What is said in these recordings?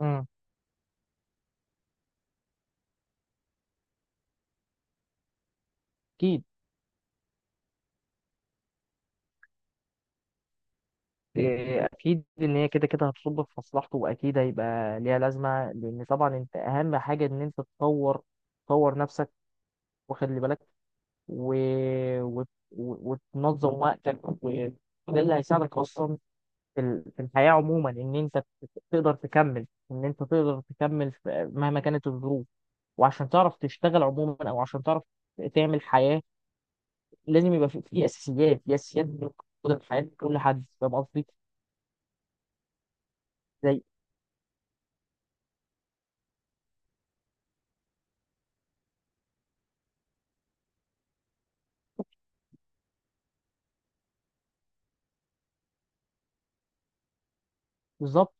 امم اكيد. إيه، اكيد ان هي كده كده هتصب في مصلحته، واكيد هيبقى ليها لازمه، لان طبعا انت اهم حاجه ان انت تطور نفسك، وخلي بالك، و... وتنظم وقتك، وده اللي هيساعدك اصلا في الحياه عموما، ان انت تقدر تكمل، مهما كانت الظروف، وعشان تعرف تشتغل عموما او عشان تعرف تعمل حياه. لازم يبقى في اساسيات، موجوده في حياه كل حد. فاهم قصدي؟ زي بالظبط.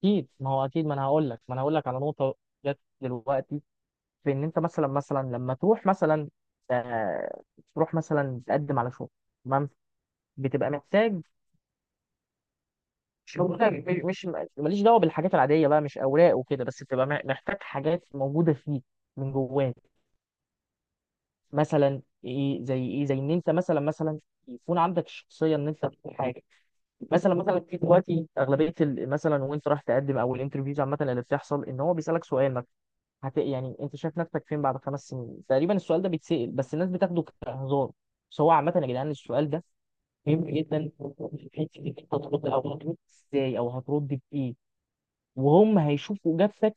اكيد، ما هو اكيد، ما انا هقول لك على نقطه جت دلوقتي، في ان انت مثلا لما تروح مثلا، آه تروح مثلا تقدم على شغل. تمام. بتبقى محتاج شغل. ماليش دعوه بالحاجات العاديه بقى، مش اوراق وكده، بس بتبقى محتاج حاجات موجوده فيك من جواك، مثلا ايه زي ان انت مثلا يكون عندك الشخصيه ان انت تكون حاجه. مثلا في دلوقتي، اغلبيه مثلا وانت رايح تقدم، او الانترفيوز عامه اللي بتحصل، ان هو بيسالك سؤال. يعني انت شايف نفسك فين بعد 5 سنين تقريبا. السؤال ده بيتسأل، بس الناس بتاخده كهزار. بس هو عامة يا جدعان، السؤال ده مهم جدا في حتة انك انت هترد، او هترد ازاي، او هترد بايه، وهم هيشوفوا اجابتك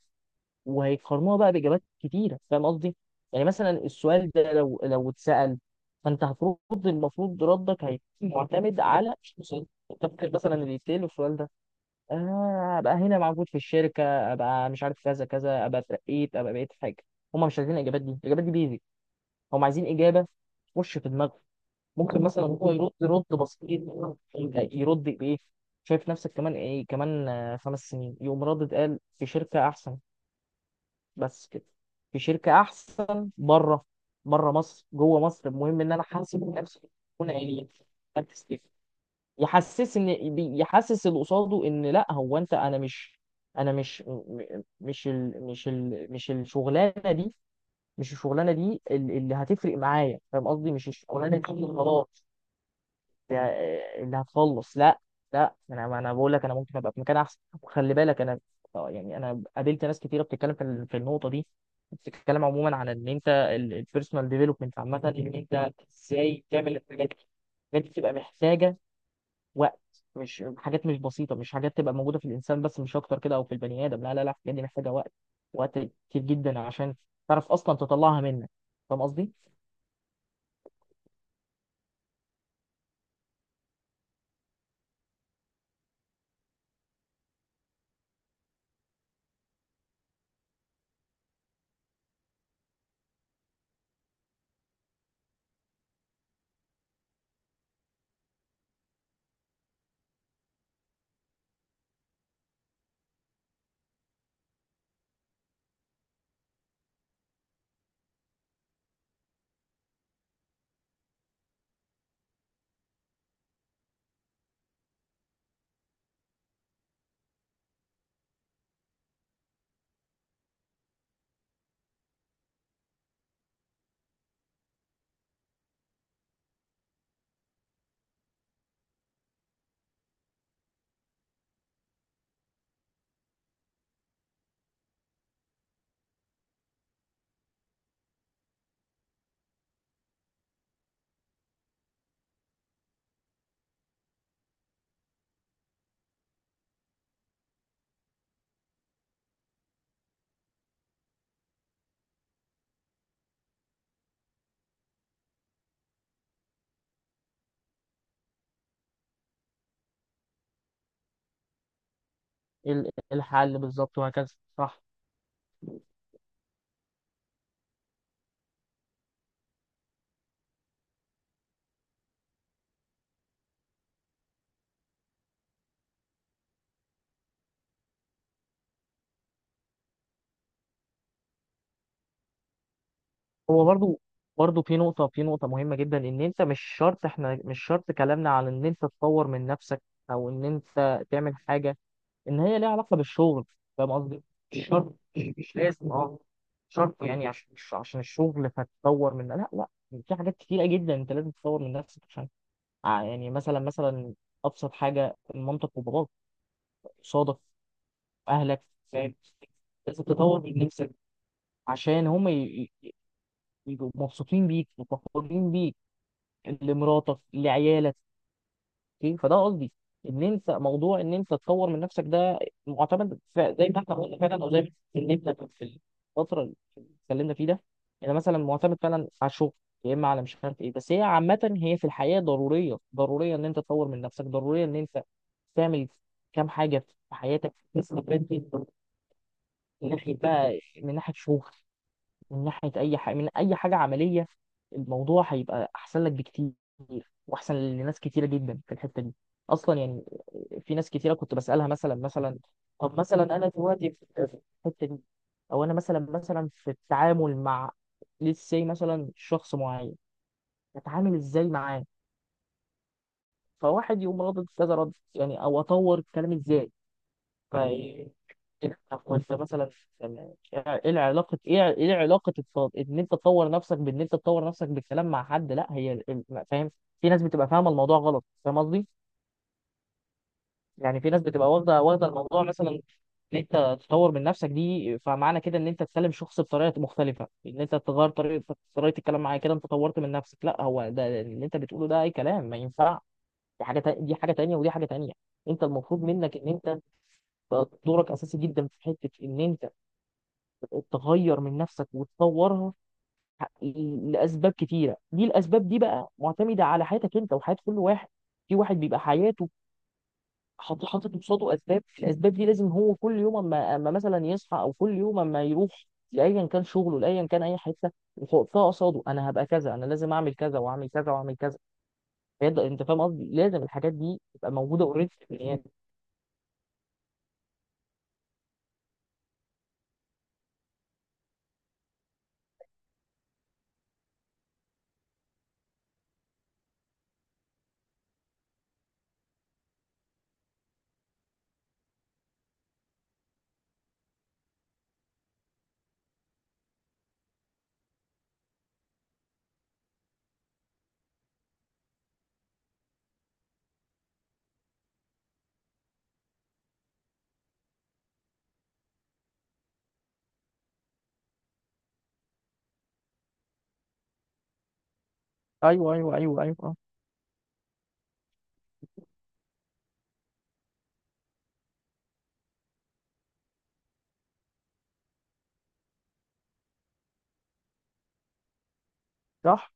وهيقارنوها بقى باجابات كتيرة. فاهم قصدي؟ يعني مثلا السؤال ده لو اتسأل، فانت هترد. المفروض ردك هيكون معتمد على، مش مثلا انت فاكر مثلا اللي يتسأل السؤال ده، ابقى هنا موجود في الشركه، ابقى مش عارف كذا كذا، ابقى اترقيت، ابقى بقيت حاجه. هم مش عايزين الاجابات دي، الاجابات دي بيزك. هم عايزين اجابه تخش في دماغه. ممكن مثلا هو يرد رد بسيط. يرد بايه؟ شايف نفسك كمان ايه كمان، 5 سنين. يقوم ردد، قال في شركه احسن. بس كده. في شركه احسن، بره. بره مصر، جوه مصر، المهم ان انا حاسب نفسي اكون عيني، يحسس اللي قصاده ان لا، هو انت، انا مش مش ال مش الشغلانه دي اللي هتفرق معايا. فاهم قصدي؟ مش الشغلانه دي اللي خلاص، اللي هتخلص. لا، لا انا ما انا بقول لك، انا ممكن ابقى في مكان احسن. وخلي بالك انا، يعني انا قابلت ناس كتيره بتتكلم في النقطه دي، بتتكلم عموما عن ان انت، البيرسونال ديفلوبمنت عامه، ان انت ازاي تعمل الحاجات دي. الحاجات دي بتبقى محتاجه وقت. مش حاجات مش بسيطة، مش حاجات تبقى موجودة في الإنسان بس مش أكتر كده، أو في البني آدم. لا لا لا، الحاجات دي محتاجة وقت، وقت كتير جدا، عشان تعرف أصلا تطلعها منك. فاهم قصدي؟ الحل بالظبط، وهكذا. صح. هو برضو في نقطة مهمة جدا. إن أنت مش شرط، إحنا مش شرط كلامنا على إن أنت تطور من نفسك، أو إن أنت تعمل حاجة ان هي ليها علاقه بالشغل. فاهم قصدي؟ مش شرط، مش لازم، مش شرط، يعني عشان مش عشان الشغل، فتطور من. لا لا، في حاجات كتيره جدا انت لازم تطور من نفسك. عشان يعني مثلا ابسط حاجه، مامتك وباباك، صادف اهلك، فاهم؟ لازم تطور من نفسك عشان هم ي- يبقوا مبسوطين بيك وفخورين بيك، لمراتك، لعيالك. اوكي، فده قصدي، ان انت، موضوع ان انت تطور من نفسك ده، معتمد زي ما احنا قلنا فعلا، او زي ما اتكلمنا في الفتره اللي اتكلمنا فيه ده. انا مثلا معتمد فعلا على الشغل، يا اما على مش عارف ايه. بس هي عامه، هي في الحياه ضروريه، ضروريه ان انت تطور من نفسك، ضروريه ان انت تعمل كام حاجه في حياتك تستفاد بيها، من ناحيه بقى، من ناحيه شغل، من ناحية أي حاجة، من أي حاجة عملية. الموضوع هيبقى أحسن لك بكتير، وأحسن لناس كتيرة جدا في الحتة دي. أصلا يعني، في ناس كتيرة كنت بسألها مثلا، طب مثلا، أنا دلوقتي في الحتة دي، أو أنا مثلا في التعامل مع، لسه مثلا شخص معين، أتعامل إزاي معاه؟ فواحد يقوم رد كذا رد، يعني أو أطور الكلام إزاي؟ طب انت مثلا يعني ايه العلاقه؟ ايه علاقه ان انت تطور نفسك، بان انت تطور نفسك بالكلام مع حد؟ لا، هي فاهم، في ناس بتبقى فاهمه الموضوع غلط. فاهم قصدي؟ يعني في ناس بتبقى واخده الموضوع، مثلا ان انت تطور من نفسك دي، فمعنى كده ان انت تكلم شخص بطريقه مختلفه، ان انت تغير طريقه الكلام معاه، كده انت طورت من نفسك. لا، هو ده اللي انت بتقوله ده اي كلام، ما ينفع. دي حاجه تانيه، ودي حاجه تانيه. انت المفروض منك ان انت، دورك اساسي جدا في حته ان انت تغير من نفسك وتطورها، لاسباب كتيره. دي الاسباب دي بقى معتمده على حياتك انت وحياه كل واحد. في واحد بيبقى حياته حاطط قصاده اسباب، الاسباب دي لازم هو كل يوم، اما مثلا يصحى، او كل يوم اما يروح لايا كان شغله، لايا كان اي حته، يحطها قصاده، انا هبقى كذا، انا لازم اعمل كذا واعمل كذا واعمل كذا، فيبدا. انت فاهم قصدي؟ لازم الحاجات دي تبقى موجوده اوريدي في البني آدم. ايوه ايوه ايوه ايوه، آه. صح،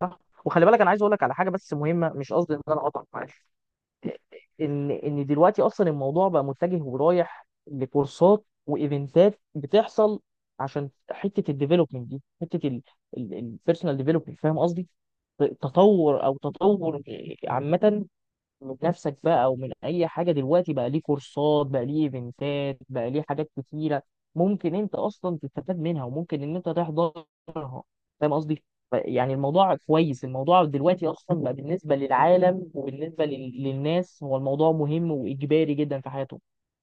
صح. وخلي بالك، انا عايز اقول لك على حاجه بس مهمه. مش قصدي ان انا اقطعك، معلش. ان دلوقتي اصلا الموضوع بقى متجه ورايح لكورسات وايفنتات بتحصل، عشان حته الديفلوبمنت دي، حته البيرسونال ديفلوبمنت. فاهم قصدي؟ تطور، او تطور عامه من نفسك بقى، او من اي حاجه. دلوقتي بقى ليه كورسات، بقى ليه ايفنتات، بقى ليه حاجات كتيره، ممكن انت اصلا تستفاد منها، وممكن ان انت تحضرها. فاهم قصدي؟ يعني الموضوع كويس. الموضوع دلوقتي اصلا بقى بالنسبه للعالم وبالنسبه للناس، هو الموضوع مهم وايجباري جدا في حياتهم.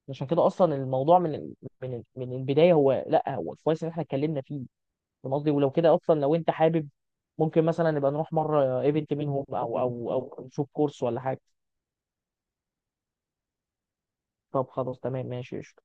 عشان كده اصلا الموضوع من البدايه. هو لا، هو كويس ان احنا اتكلمنا فيه. فاهم قصدي؟ ولو كده اصلا، لو انت حابب، ممكن مثلا نبقى نروح مره ايفنت منهم، او نشوف كورس ولا حاجه. طب خلاص، تمام، ماشي، قشطة.